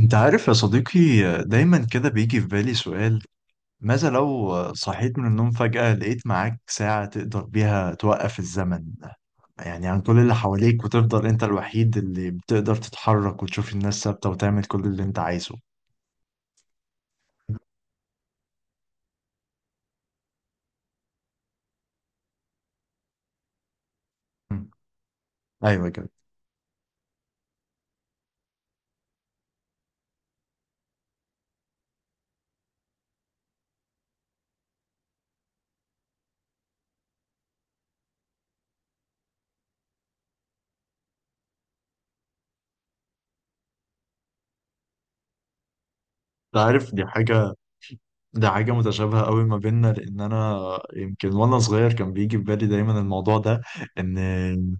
انت عارف يا صديقي، دايما كده بيجي في بالي سؤال. ماذا لو صحيت من النوم فجأة لقيت معاك ساعة تقدر بيها توقف الزمن، يعني عن كل اللي حواليك، وتفضل انت الوحيد اللي بتقدر تتحرك وتشوف الناس ثابتة وتعمل كل اللي انت عايزه. مم. ايوه كده. انت عارف، دي حاجة ده حاجة متشابهة قوي ما بيننا، لأن أنا يمكن وأنا صغير كان بيجي في بالي دايما الموضوع ده. إن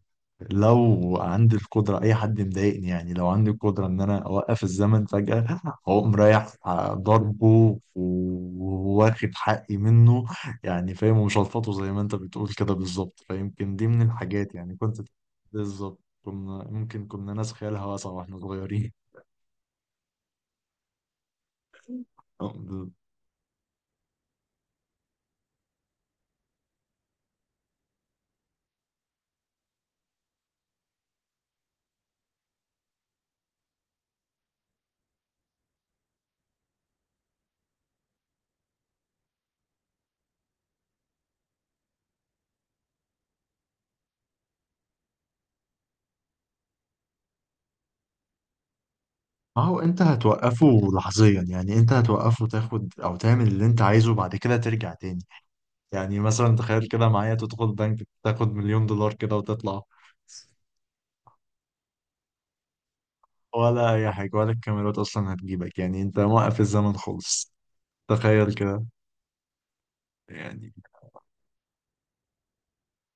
لو عندي القدرة أي حد مضايقني، يعني لو عندي القدرة إن أنا أوقف الزمن فجأة، أقوم رايح ضربه وواخد حقي منه. يعني فاهم، ومش هلفظه زي ما أنت بتقول كده بالظبط، فيمكن دي من الحاجات يعني كنت. بالظبط، كنا ممكن كنا ناس خيالها واسعة وإحنا صغيرين. ما هو انت هتوقفه لحظيا، يعني انت هتوقفه تاخد او تعمل اللي انت عايزه بعد كده ترجع تاني. يعني مثلا تخيل كده معايا، تدخل بنك تاخد مليون دولار كده وتطلع. ولا اي حاجة، ولا الكاميرات اصلا هتجيبك، يعني انت موقف الزمن خالص. تخيل كده. يعني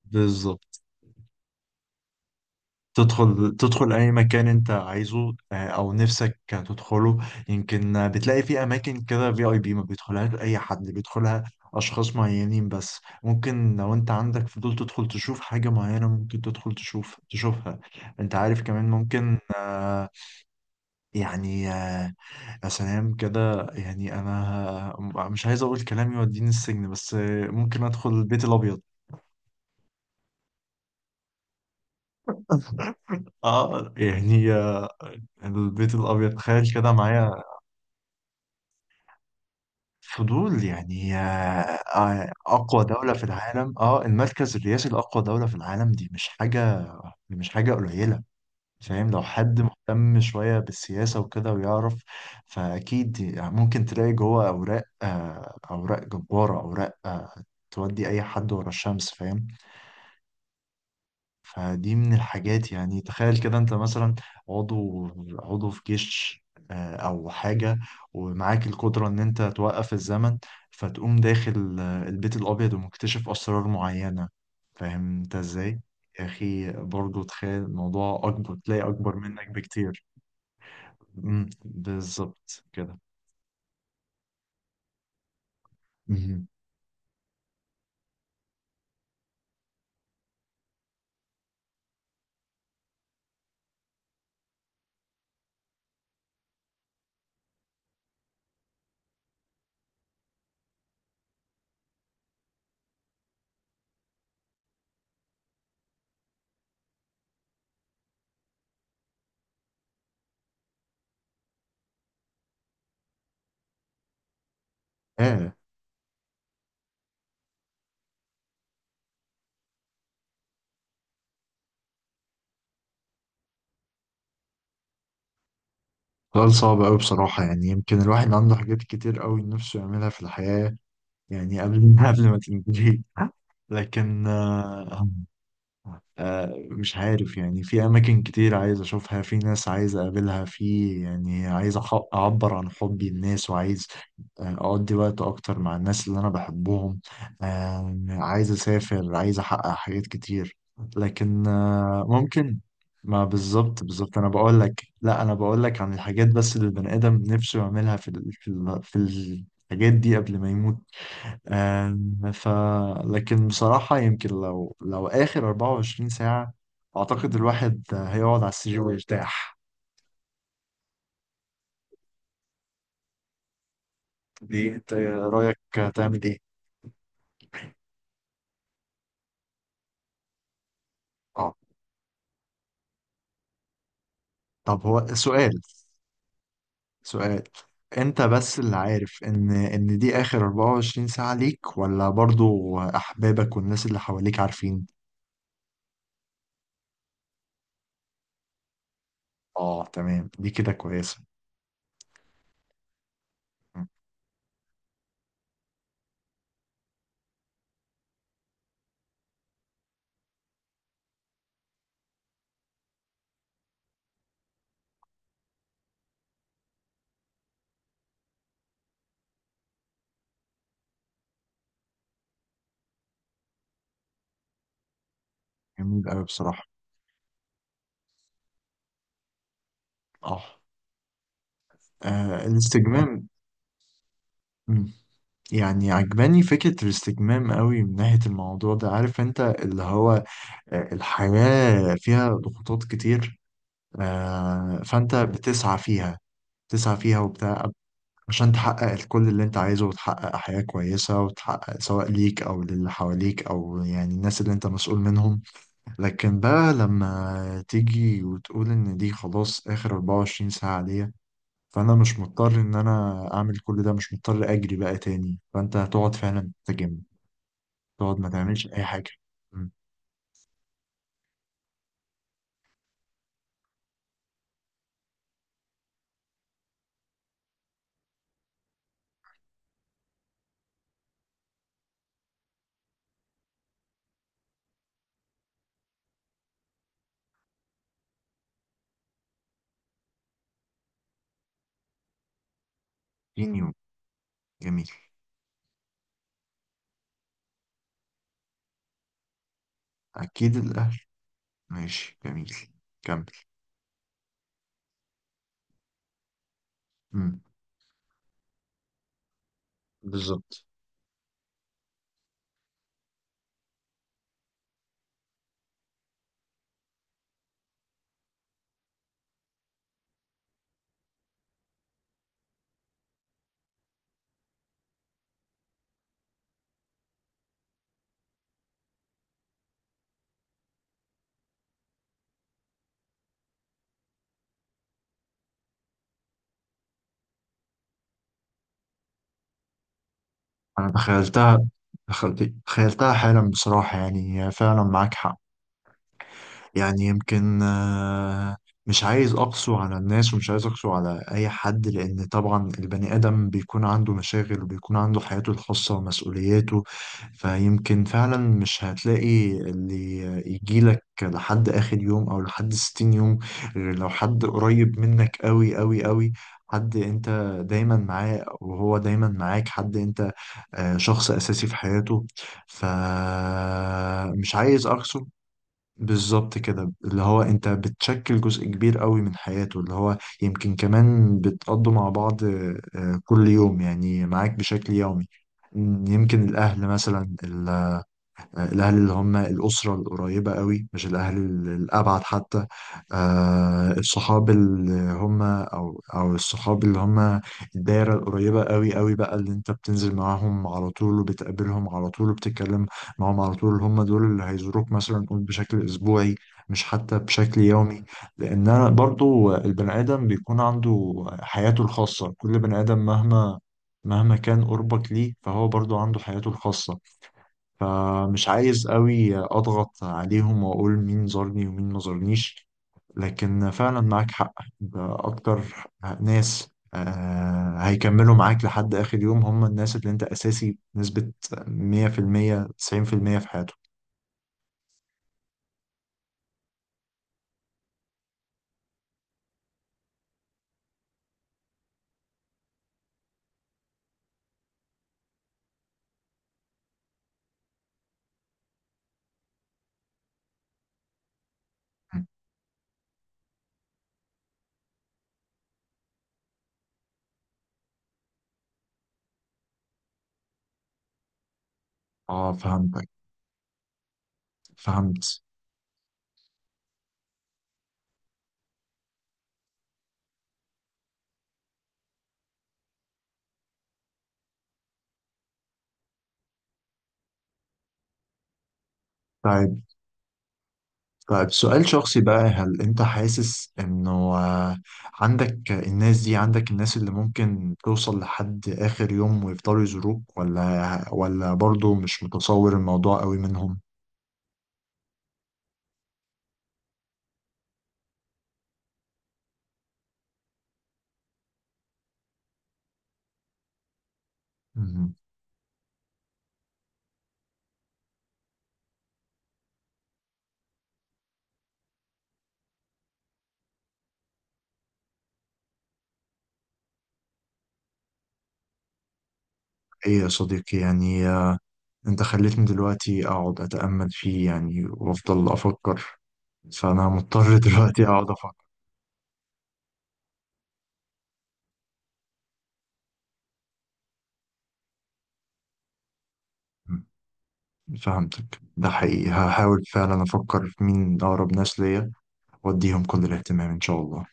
بالظبط. تدخل أي مكان أنت عايزه، أو نفسك تدخله. يمكن بتلاقي في أماكن كده، في أي بي ما بيدخلهاش أي حد، بيدخلها أشخاص معينين بس. ممكن لو أنت عندك فضول تدخل تشوف حاجة معينة، ممكن تدخل تشوف تشوفها. أنت عارف، كمان ممكن يعني آه، يا سلام كده. يعني أنا مش عايز أقول كلام يوديني السجن، بس ممكن أدخل البيت الأبيض. آه يعني، البيت الأبيض تخيل كده معايا. فضول يعني أقوى دولة في العالم، المركز الرئاسي لأقوى دولة في العالم. دي مش حاجة قليلة. فاهم، لو حد مهتم شوية بالسياسة وكده ويعرف، فأكيد يعني ممكن تلاقي جوه أوراق، أوراق جبارة، أوراق تودي أي حد ورا الشمس. فاهم. فدي من الحاجات. يعني تخيل كده، انت مثلا عضو عضو في جيش او حاجة، ومعاك القدرة ان انت توقف الزمن، فتقوم داخل البيت الابيض ومكتشف اسرار معينة. فاهم انت ازاي؟ يا اخي، برضو تخيل الموضوع اكبر، تلاقي اكبر منك بكتير. مم، بالظبط كده. مهم. ايه. سؤال صعب قوي بصراحة، يعني يمكن الواحد عنده حاجات كتير قوي نفسه يعملها في الحياة، يعني قبل قبل ما تنتهي. لكن مش عارف، يعني في أماكن كتير عايز أشوفها، في ناس عايز أقابلها، في يعني عايز أعبر عن حبي للناس، وعايز أقضي وقت أكتر مع الناس اللي أنا بحبهم، عايز أسافر، عايز أحقق حاجات كتير، لكن ممكن. ما بالظبط بالظبط، أنا بقول لك، لا أنا بقول لك عن الحاجات بس اللي البني آدم نفسه يعملها في في الحاجات دي قبل ما يموت. آم، ف لكن بصراحة، يمكن لو آخر 24 ساعة، أعتقد الواحد هيقعد على السرير ويرتاح. دي أنت رأيك، تعمل إيه؟ أه. طب هو سؤال، سؤال أنت بس اللي عارف إن دي آخر 24 ساعة ليك، ولا برضو أحبابك والناس اللي حواليك عارفين؟ أه تمام، دي كده كويسة. م، جميل أوي بصراحة. أه. الاستجمام. م. يعني عجباني فكرة الاستجمام قوي من ناحية الموضوع ده، عارف انت اللي هو الحياة فيها ضغوطات كتير، فانت بتسعى فيها، تسعى فيها وبتاع عشان تحقق كل اللي انت عايزه، وتحقق حياة كويسة، وتحقق سواء ليك او للي حواليك او يعني الناس اللي انت مسؤول منهم. لكن بقى لما تيجي وتقول ان دي خلاص اخر 24 ساعة ليا، فانا مش مضطر ان انا اعمل كل ده، مش مضطر اجري بقى تاني، فانت هتقعد فعلا تستجم، تقعد ما تعملش أي حاجة. مم. 30 يوم. جميل. أكيد الأهل. ماشي جميل. كمل. مم. بالظبط. أنا تخيلتها، دخلت تخيلتها حالا بصراحة، يعني هي فعلا معاك حق. يعني يمكن مش عايز أقسو على الناس، ومش عايز أقسو على أي حد، لأن طبعا البني آدم بيكون عنده مشاغل، وبيكون عنده حياته الخاصة ومسؤولياته. فيمكن فعلا مش هتلاقي اللي يجيلك لحد آخر يوم أو لحد 60 يوم، غير لو حد قريب منك أوي أوي أوي، حد انت دايما معاه وهو دايما معاك، حد انت شخص اساسي في حياته. فمش عايز اقسو. بالظبط كده، اللي هو انت بتشكل جزء كبير قوي من حياته، اللي هو يمكن كمان بتقضوا مع بعض كل يوم، يعني معاك بشكل يومي. يمكن الأهل مثلا، الأهل اللي هم الأسرة القريبة قوي، مش الأهل الأبعد حتى، الصحاب اللي هم أو الصحاب اللي هم الدايرة القريبة قوي قوي بقى، اللي أنت بتنزل معاهم على طول وبتقابلهم على طول وبتتكلم معاهم على طول، هم دول اللي هيزوروك، مثلا قول بشكل أسبوعي، مش حتى بشكل يومي. لأن أنا برضو، البني آدم بيكون عنده حياته الخاصة، كل بني آدم مهما كان قربك ليه، فهو برضو عنده حياته الخاصة. فمش عايز قوي اضغط عليهم واقول مين زارني ومين ما زارنيش. لكن فعلا معاك حق، اكتر ناس هيكملوا معاك لحد اخر يوم، هم الناس اللي انت اساسي بنسبة 100% 90% في المية في حياتهم. اه فهمتك. فهمت. طيب، طيب سؤال شخصي بقى، هل انت حاسس انه عندك الناس دي، عندك الناس اللي ممكن توصل لحد اخر يوم ويفضلوا يزوروك، ولا برضو مش متصور الموضوع قوي منهم؟ مهم. ايه يا صديقي، يعني انت خليتني دلوقتي اقعد اتأمل فيه، يعني وافضل افكر، فانا مضطر دلوقتي اقعد افكر. مم. فهمتك، ده حقيقي. هحاول فعلا افكر في مين اقرب ناس ليا، واديهم كل الاهتمام ان شاء الله.